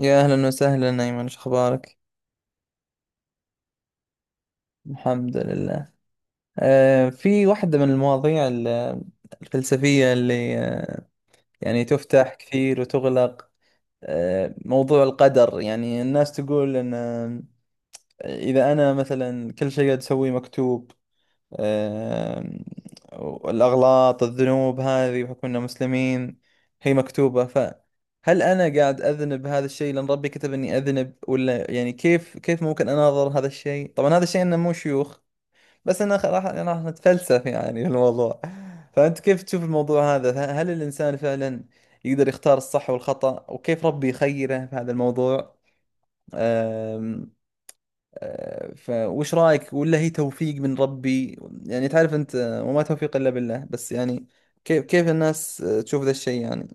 يا أهلا وسهلا أيمن، شو أخبارك؟ الحمد لله. في واحدة من المواضيع الفلسفية اللي يعني تفتح كثير وتغلق. موضوع القدر، يعني الناس تقول أن إذا أنا مثلا كل شيء قاعد أسويه مكتوب، آم، الأغلاط الذنوب هذه بحكم أننا مسلمين هي مكتوبة. فهل أنا قاعد أذنب هذا الشيء لأن ربي كتب إني أذنب، ولا يعني كيف ممكن أناظر هذا الشيء؟ طبعا هذا الشيء أنه مو شيوخ، بس أنا راح نتفلسف يعني في الموضوع. فأنت كيف تشوف الموضوع هذا؟ هل الإنسان فعلا يقدر يختار الصح والخطأ، وكيف ربي يخيره في هذا الموضوع؟ فوش رايك؟ ولا هي توفيق من ربي؟ يعني تعرف انت، وما توفيق الا بالله. بس يعني كيف الناس تشوف ذا الشيء يعني.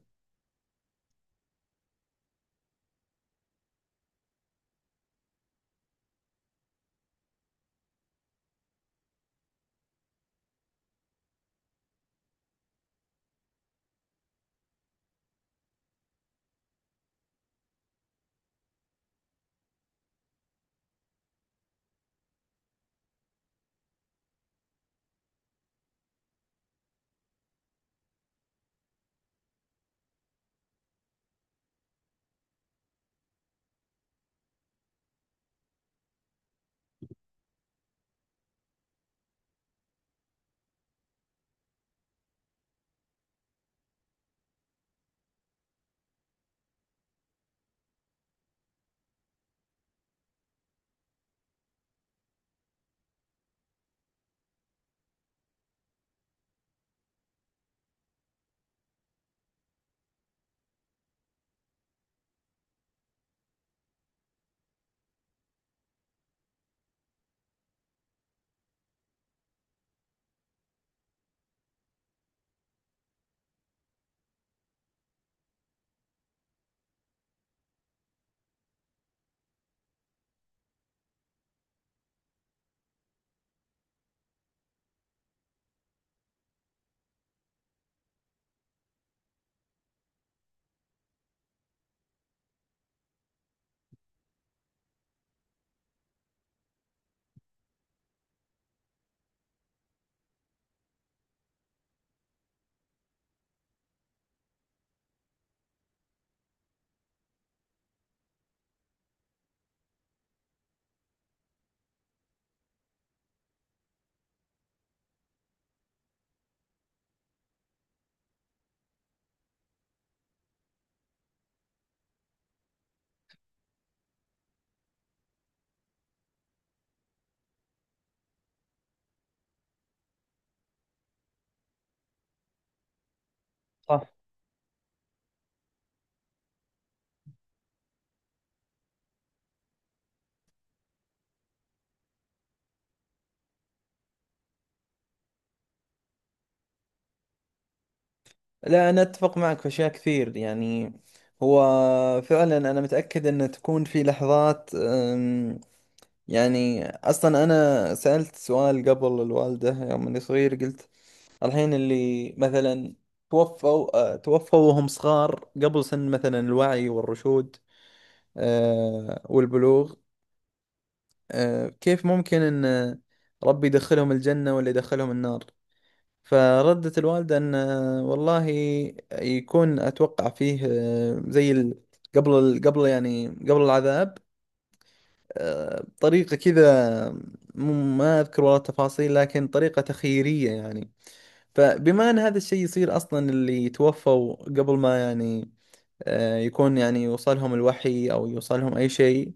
صح. لا، أنا أتفق معك في أشياء كثير يعني. هو فعلا أنا متأكد أن تكون في لحظات. يعني أصلا أنا سألت سؤال قبل الوالدة يوم أني صغير، قلت الحين اللي مثلا توفوا وهم صغار قبل سن مثلا الوعي والرشود، والبلوغ. كيف ممكن أن ربي يدخلهم الجنة ولا يدخلهم النار؟ فردت الوالدة أن والله يكون أتوقع فيه، زي قبل العذاب، طريقة كذا. ما أذكر والله التفاصيل، لكن طريقة تخييرية يعني. فبما أن هذا الشيء يصير أصلا، اللي توفوا قبل ما يعني يكون يعني يوصلهم الوحي أو يوصلهم أي شيء،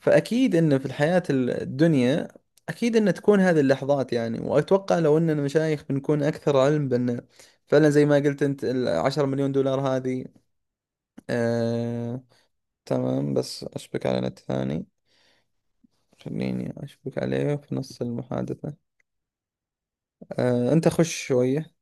فأكيد إن في الحياة الدنيا أكيد إن تكون هذه اللحظات يعني. وأتوقع لو إننا مشايخ بنكون أكثر علم بأن فعلا زي ما قلت أنت العشرة مليون دولار هذه. آه... تمام، بس أشبك على نت ثاني، خليني أشبك عليه في نص المحادثة. أنت خش شوية.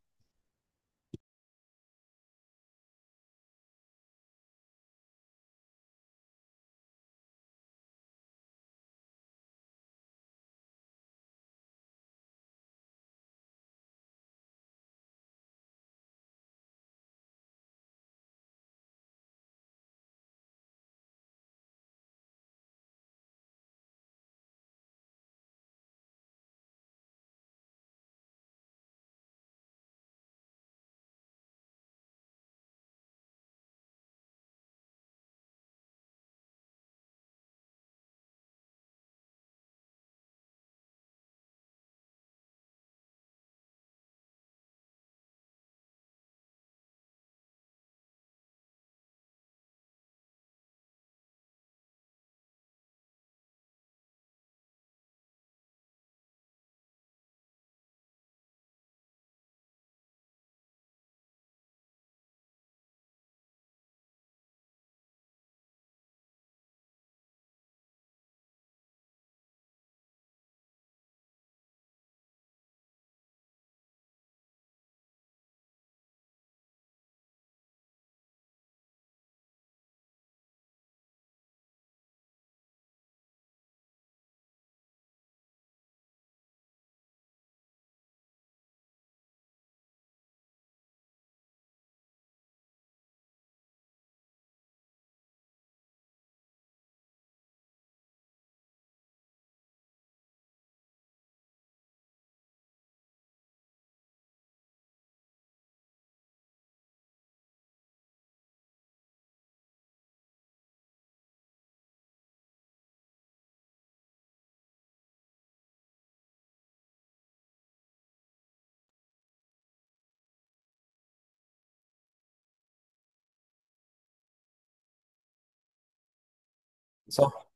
صح،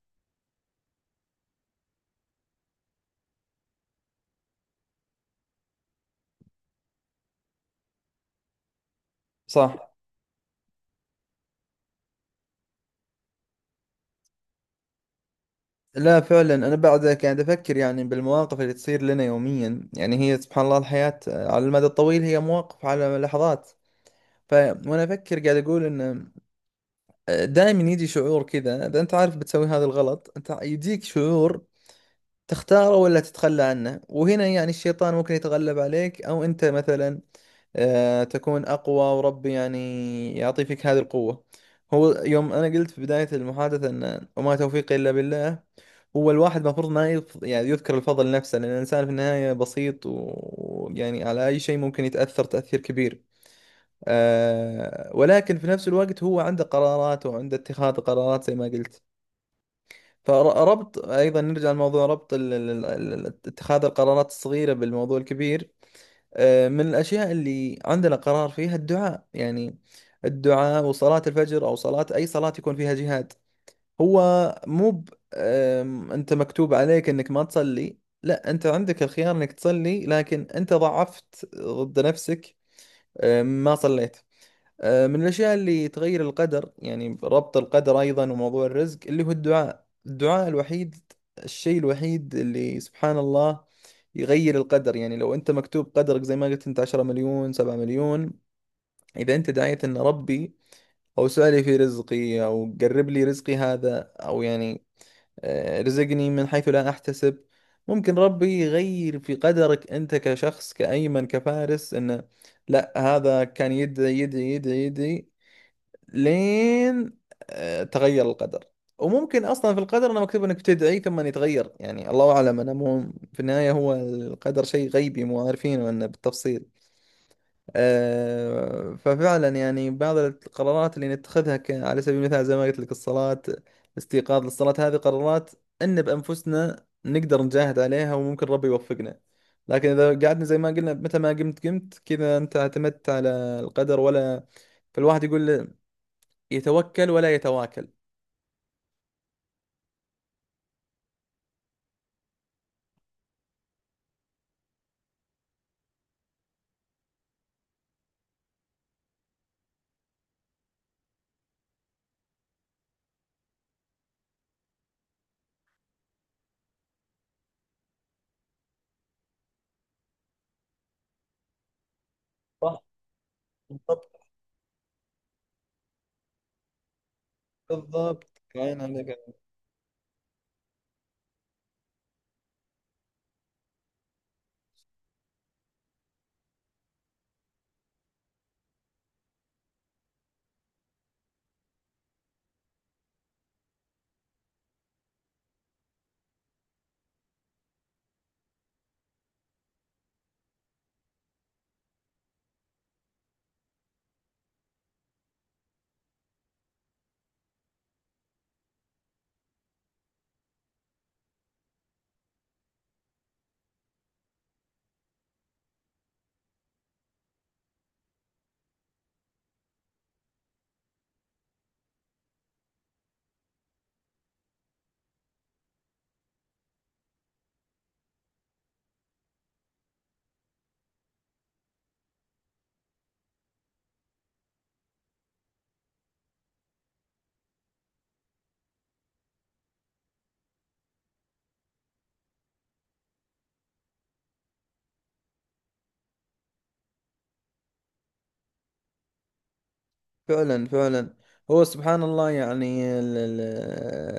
صح. لا، فعلا أنا بعد قاعد أفكر يعني بالمواقف اللي تصير لنا يوميا. يعني هي سبحان الله، الحياة على المدى الطويل هي مواقف على لحظات. وأنا أفكر قاعد أقول إن دائما يجي شعور كذا، اذا انت عارف بتسوي هذا الغلط انت يجيك شعور تختاره ولا تتخلى عنه. وهنا يعني الشيطان ممكن يتغلب عليك، او انت مثلا تكون اقوى، وربي يعني يعطي فيك هذه القوة. هو يوم انا قلت في بداية المحادثة ان وما توفيقي الا بالله، هو الواحد المفروض ما يعني يذكر الفضل نفسه، لان الانسان في النهاية بسيط، ويعني على اي شيء ممكن يتأثر تأثير كبير. ولكن في نفس الوقت هو عنده قرارات، وعنده اتخاذ قرارات زي ما قلت. فربط أيضا نرجع لموضوع ربط اتخاذ القرارات الصغيرة بالموضوع الكبير. من الأشياء اللي عندنا قرار فيها الدعاء، يعني الدعاء وصلاة الفجر أو صلاة أي صلاة يكون فيها جهاد. هو مو ب- آم، أنت مكتوب عليك أنك ما تصلي. لا، أنت عندك الخيار أنك تصلي، لكن أنت ضعفت ضد نفسك. ما صليت. من الأشياء اللي تغير القدر، يعني ربط القدر أيضا وموضوع الرزق، اللي هو الدعاء. الدعاء الوحيد، الشيء الوحيد اللي سبحان الله يغير القدر. يعني لو أنت مكتوب قدرك زي ما قلت أنت 10 مليون 7 مليون، إذا أنت دعيت أن ربي أوسع لي في رزقي، أو قرب لي رزقي هذا، أو يعني رزقني من حيث لا أحتسب، ممكن ربي يغير في قدرك أنت كشخص كأيمن كفارس. أنه لا، هذا كان يدعي يدعي يدعي يدعي لين تغير القدر. وممكن اصلا في القدر انه مكتوب انك بتدعي ثم يتغير، يعني الله اعلم، انا مو، في النهايه هو القدر شيء غيبي مو عارفينه انه بالتفصيل. ففعلا يعني بعض القرارات اللي نتخذها على سبيل المثال زي ما قلت لك الصلاه، الاستيقاظ للصلاه، هذه قرارات ان بانفسنا نقدر نجاهد عليها، وممكن ربي يوفقنا. لكن اذا قعدنا زي ما قلنا متى ما قمت قمت كذا، انت اعتمدت على القدر ولا؟ فالواحد يقول يتوكل ولا يتواكل؟ صح. بالضبط. بالضبط. عين عليك. فعلا، فعلا. هو سبحان الله، يعني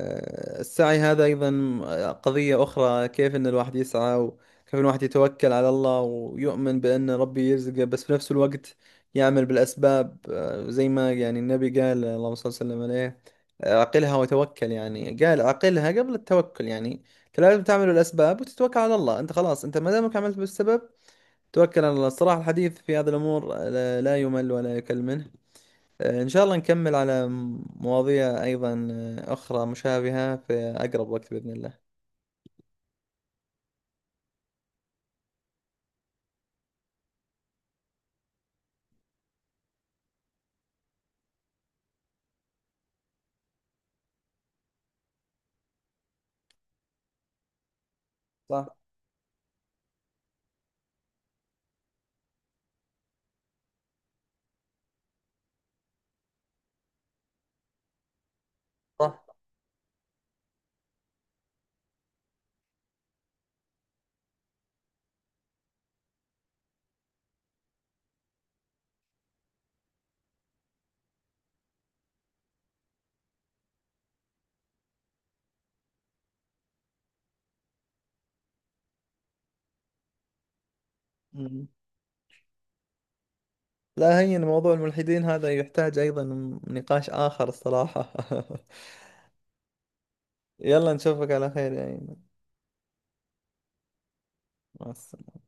السعي هذا أيضا قضية أخرى. كيف أن الواحد يسعى، وكيف أن الواحد يتوكل على الله ويؤمن بأن ربي يرزقه، بس في نفس الوقت يعمل بالأسباب. زي ما يعني النبي قال، اللهم صل وسلم عليه، عقلها وتوكل. يعني قال عقلها قبل التوكل، يعني أنت لازم تعمل الأسباب وتتوكل على الله. أنت خلاص، أنت ما دامك عملت بالسبب توكل على الله. الصراحة الحديث في هذه الأمور لا يمل ولا يكل منه. إن شاء الله نكمل على مواضيع أيضا أخرى مشابهة في أقرب وقت بإذن الله. صح. صح. مم. لا، هين موضوع الملحدين هذا يحتاج أيضا نقاش آخر الصراحة. يلا نشوفك على خير يا أيمن. مع السلامة.